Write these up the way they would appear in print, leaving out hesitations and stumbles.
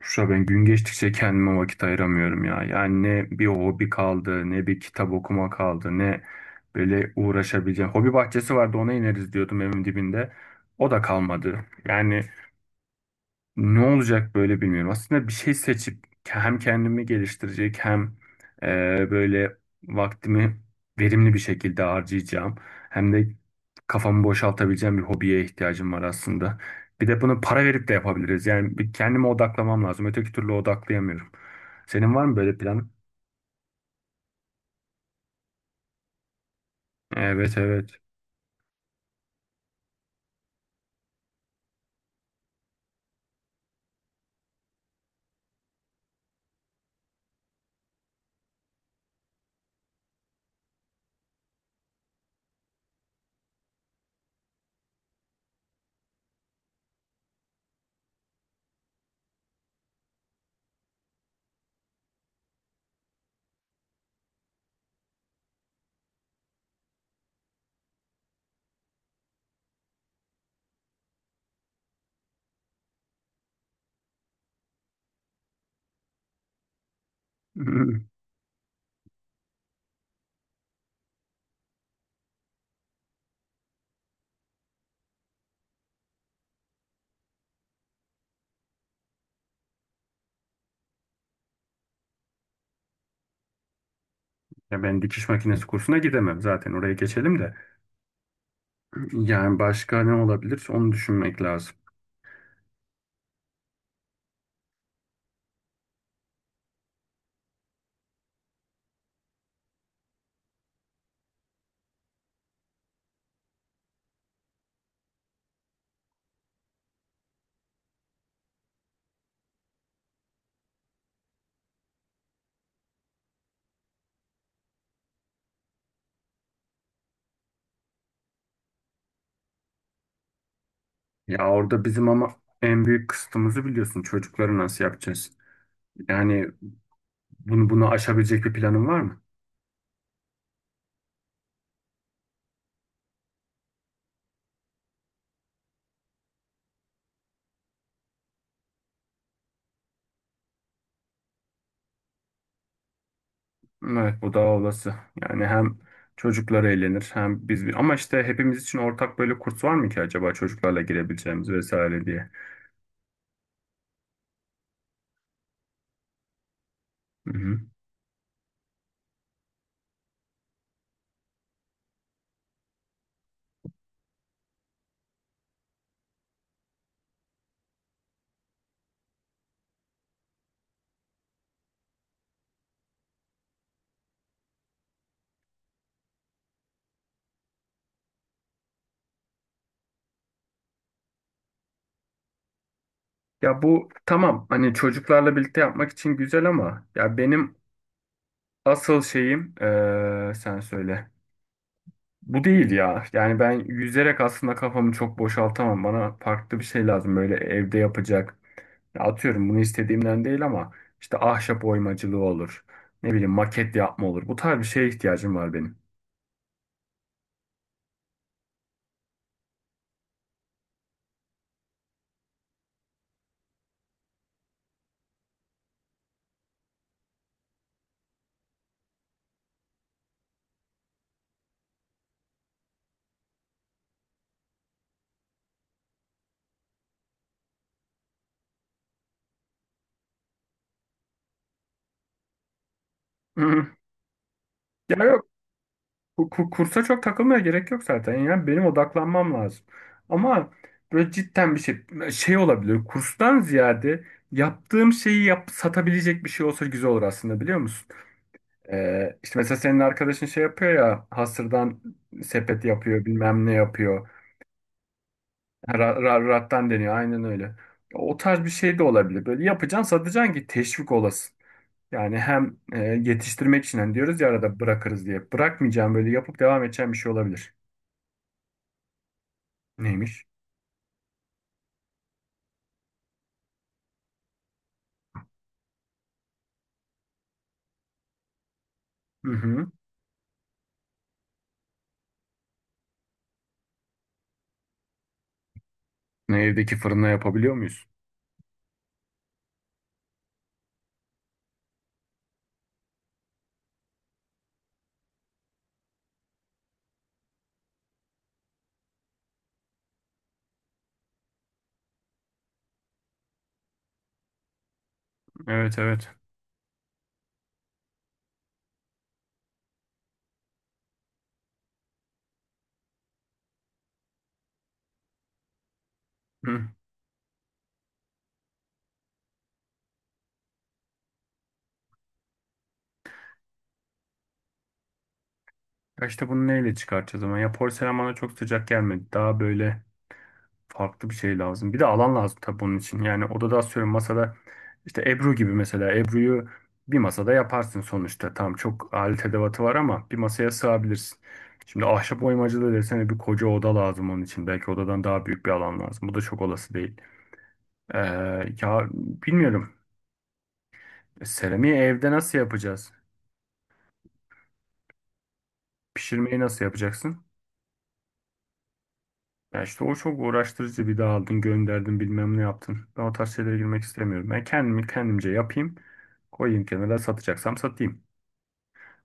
Şura ben gün geçtikçe kendime vakit ayıramıyorum ya. Yani ne bir hobi kaldı, ne bir kitap okuma kaldı, ne böyle uğraşabileceğim. Hobi bahçesi vardı ona ineriz diyordum evin dibinde. O da kalmadı. Yani ne olacak böyle bilmiyorum. Aslında bir şey seçip hem kendimi geliştirecek hem e, böyle vaktimi verimli bir şekilde harcayacağım. Hem de kafamı boşaltabileceğim bir hobiye ihtiyacım var aslında. Bir de bunu para verip de yapabiliriz. Yani bir kendime odaklamam lazım. Öteki türlü odaklayamıyorum. Senin var mı böyle plan? Evet, evet. Ya ben dikiş makinesi kursuna gidemem zaten, oraya geçelim de. Yani başka ne olabilir onu düşünmek lazım. Ya orada bizim ama en büyük kısıtımızı biliyorsun. Çocukları nasıl yapacağız? Yani bunu aşabilecek bir planın var mı? Evet, bu daha olası. Yani hem çocuklar eğlenir hem biz, ama işte hepimiz için ortak böyle kurs var mı ki acaba, çocuklarla girebileceğimiz vesaire diye. Hı hı. Ya bu tamam, hani çocuklarla birlikte yapmak için güzel ama ya benim asıl şeyim sen söyle. Bu değil ya. Yani ben yüzerek aslında kafamı çok boşaltamam. Bana farklı bir şey lazım, böyle evde yapacak. Ya atıyorum, bunu istediğimden değil ama işte ahşap oymacılığı olur. Ne bileyim maket yapma olur. Bu tarz bir şeye ihtiyacım var benim. Hı. Ya yok, kursa çok takılmaya gerek yok zaten. Yani benim odaklanmam lazım. Ama böyle cidden bir şey olabilir. Kurstan ziyade yaptığım şeyi yap, satabilecek bir şey olsa güzel olur aslında, biliyor musun? İşte mesela senin arkadaşın şey yapıyor ya, hasırdan sepet yapıyor bilmem ne yapıyor. Ha, rattan deniyor, aynen öyle. O tarz bir şey de olabilir. Böyle yapacaksın satacaksın ki teşvik olasın. Yani hem yetiştirmek için hani diyoruz ya arada bırakırız diye. Bırakmayacağım, böyle yapıp devam edeceğim bir şey olabilir. Neymiş? Hı hı. Ne, evdeki fırında yapabiliyor muyuz? Evet, evet. Hı. Ya işte bunu neyle çıkartacağız ama, ya porselen bana çok sıcak gelmedi. Daha böyle farklı bir şey lazım. Bir de alan lazım tabii bunun için. Yani odada atıyorum, masada işte Ebru gibi, mesela Ebru'yu bir masada yaparsın sonuçta. Tamam, çok alet edevatı var ama bir masaya sığabilirsin. Şimdi ahşap oymacılığı desene bir koca oda lazım onun için. Belki odadan daha büyük bir alan lazım. Bu da çok olası değil. Ee, Ya bilmiyorum. Seramiği evde nasıl yapacağız? Pişirmeyi nasıl yapacaksın? Ya işte o çok uğraştırıcı, bir daha aldın gönderdin bilmem ne yaptın. Ben o tarz şeylere girmek istemiyorum. Ben kendimi kendimce yapayım. Koyayım kenara, satacaksam satayım.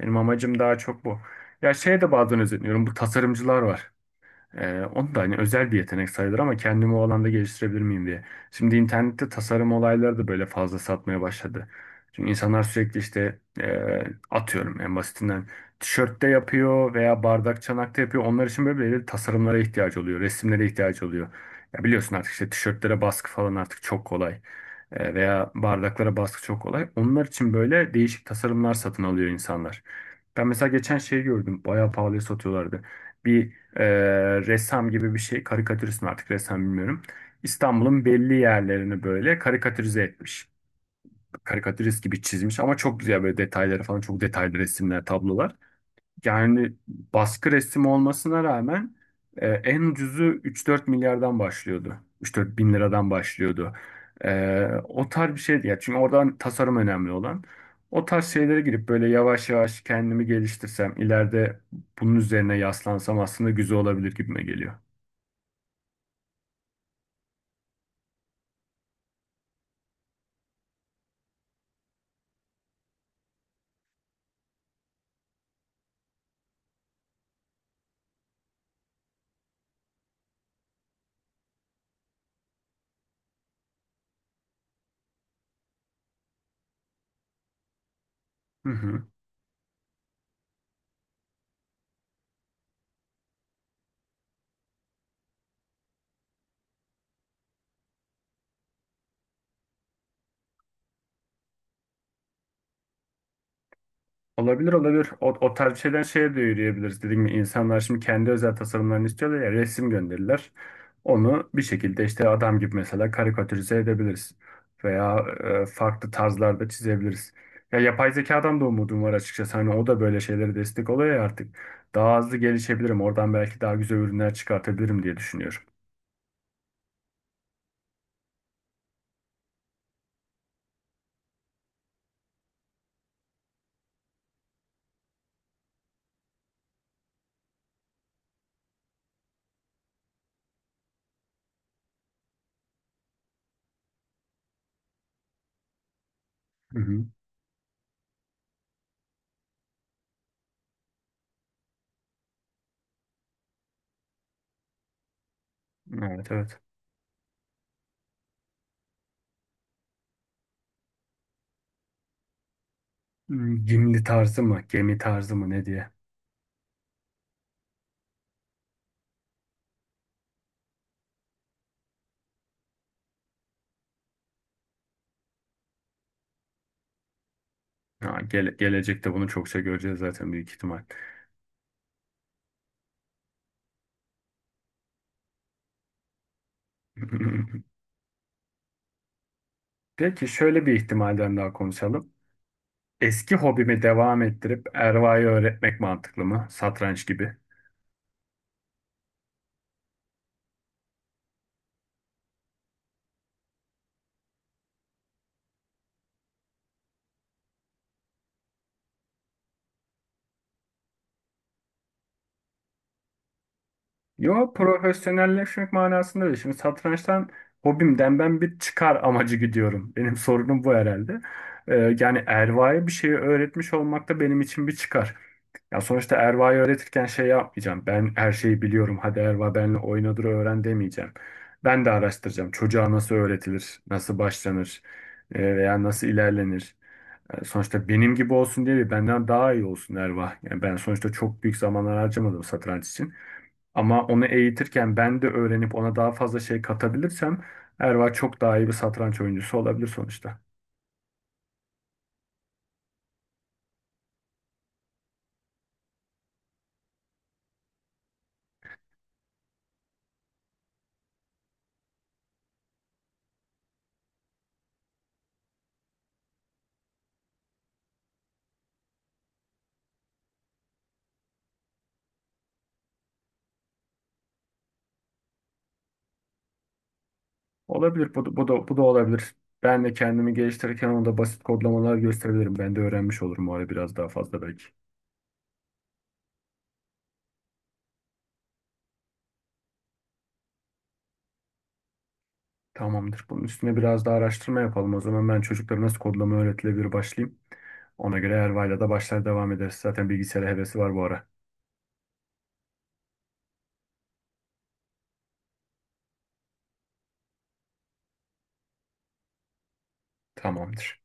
Benim amacım daha çok bu. Ya şeye de bazen özeniyorum. Bu tasarımcılar var. O da hani özel bir yetenek sayılır ama kendimi o alanda geliştirebilir miyim diye. Şimdi internette tasarım olayları da böyle fazla satmaya başladı. Çünkü insanlar sürekli işte atıyorum, en basitinden tişörtte yapıyor veya bardak çanakta yapıyor. Onlar için böyle belirli tasarımlara ihtiyacı oluyor, resimlere ihtiyacı oluyor. Ya biliyorsun artık, işte tişörtlere baskı falan artık çok kolay. Veya bardaklara baskı çok kolay. Onlar için böyle değişik tasarımlar satın alıyor insanlar. Ben mesela geçen şey gördüm. Bayağı pahalıya satıyorlardı. Bir ressam gibi bir şey. Karikatürist mi artık ressam bilmiyorum. İstanbul'un belli yerlerini böyle karikatürize etmiş. Karikatürist gibi çizmiş ama çok güzel böyle detayları falan. Çok detaylı resimler, tablolar. Yani baskı resmi olmasına rağmen en ucuzu 3-4 milyardan başlıyordu. 3-4 bin liradan başlıyordu. O tarz bir şeydi ya. Çünkü oradan, tasarım önemli olan. O tarz şeylere girip böyle yavaş yavaş kendimi geliştirsem, ileride bunun üzerine yaslansam aslında güzel olabilir gibime geliyor. Hı hı. Olabilir, olabilir. O tarz bir şeyden şeye de yürüyebiliriz. Dediğim gibi insanlar şimdi kendi özel tasarımlarını istiyorlar ya, resim gönderirler. Onu bir şekilde işte adam gibi mesela karikatürize edebiliriz. Veya farklı tarzlarda çizebiliriz. Ya yapay zekadan da umudum var açıkçası. Hani o da böyle şeylere destek oluyor ya artık. Daha hızlı gelişebilirim. Oradan belki daha güzel ürünler çıkartabilirim diye düşünüyorum. Hı hı. Evet, evet. Hmm, Gimli tarzı mı? Gemi tarzı mı? Ne diye? Ha, gelecekte bunu çokça göreceğiz zaten büyük ihtimal. Peki, şöyle bir ihtimalden daha konuşalım. Eski hobimi devam ettirip Erva'yı öğretmek mantıklı mı? Satranç gibi. Yo, profesyonelleşmek manasında değil. Şimdi satrançtan, hobimden ben bir çıkar amacı gidiyorum. Benim sorunum bu herhalde. Yani Erva'ya bir şeyi öğretmiş olmak da benim için bir çıkar. Ya sonuçta Erva'yı öğretirken şey yapmayacağım. Ben her şeyi biliyorum, hadi Erva benle oynadır öğren demeyeceğim. Ben de araştıracağım. Çocuğa nasıl öğretilir, nasıl başlanır, veya nasıl ilerlenir. Sonuçta benim gibi olsun diye değil, benden daha iyi olsun Erva. Yani ben sonuçta çok büyük zamanlar harcamadım satranç için. Ama onu eğitirken ben de öğrenip ona daha fazla şey katabilirsem, Erva çok daha iyi bir satranç oyuncusu olabilir sonuçta. Olabilir. Bu da olabilir. Ben de kendimi geliştirirken ona basit kodlamalar gösterebilirim. Ben de öğrenmiş olurum o ara, biraz daha fazla belki. Tamamdır. Bunun üstüne biraz daha araştırma yapalım. O zaman ben, çocuklara nasıl kodlama öğretilebilir, başlayayım. Ona göre Erva'yla da başlar devam ederiz. Zaten bilgisayara hevesi var bu ara. Tamamdır.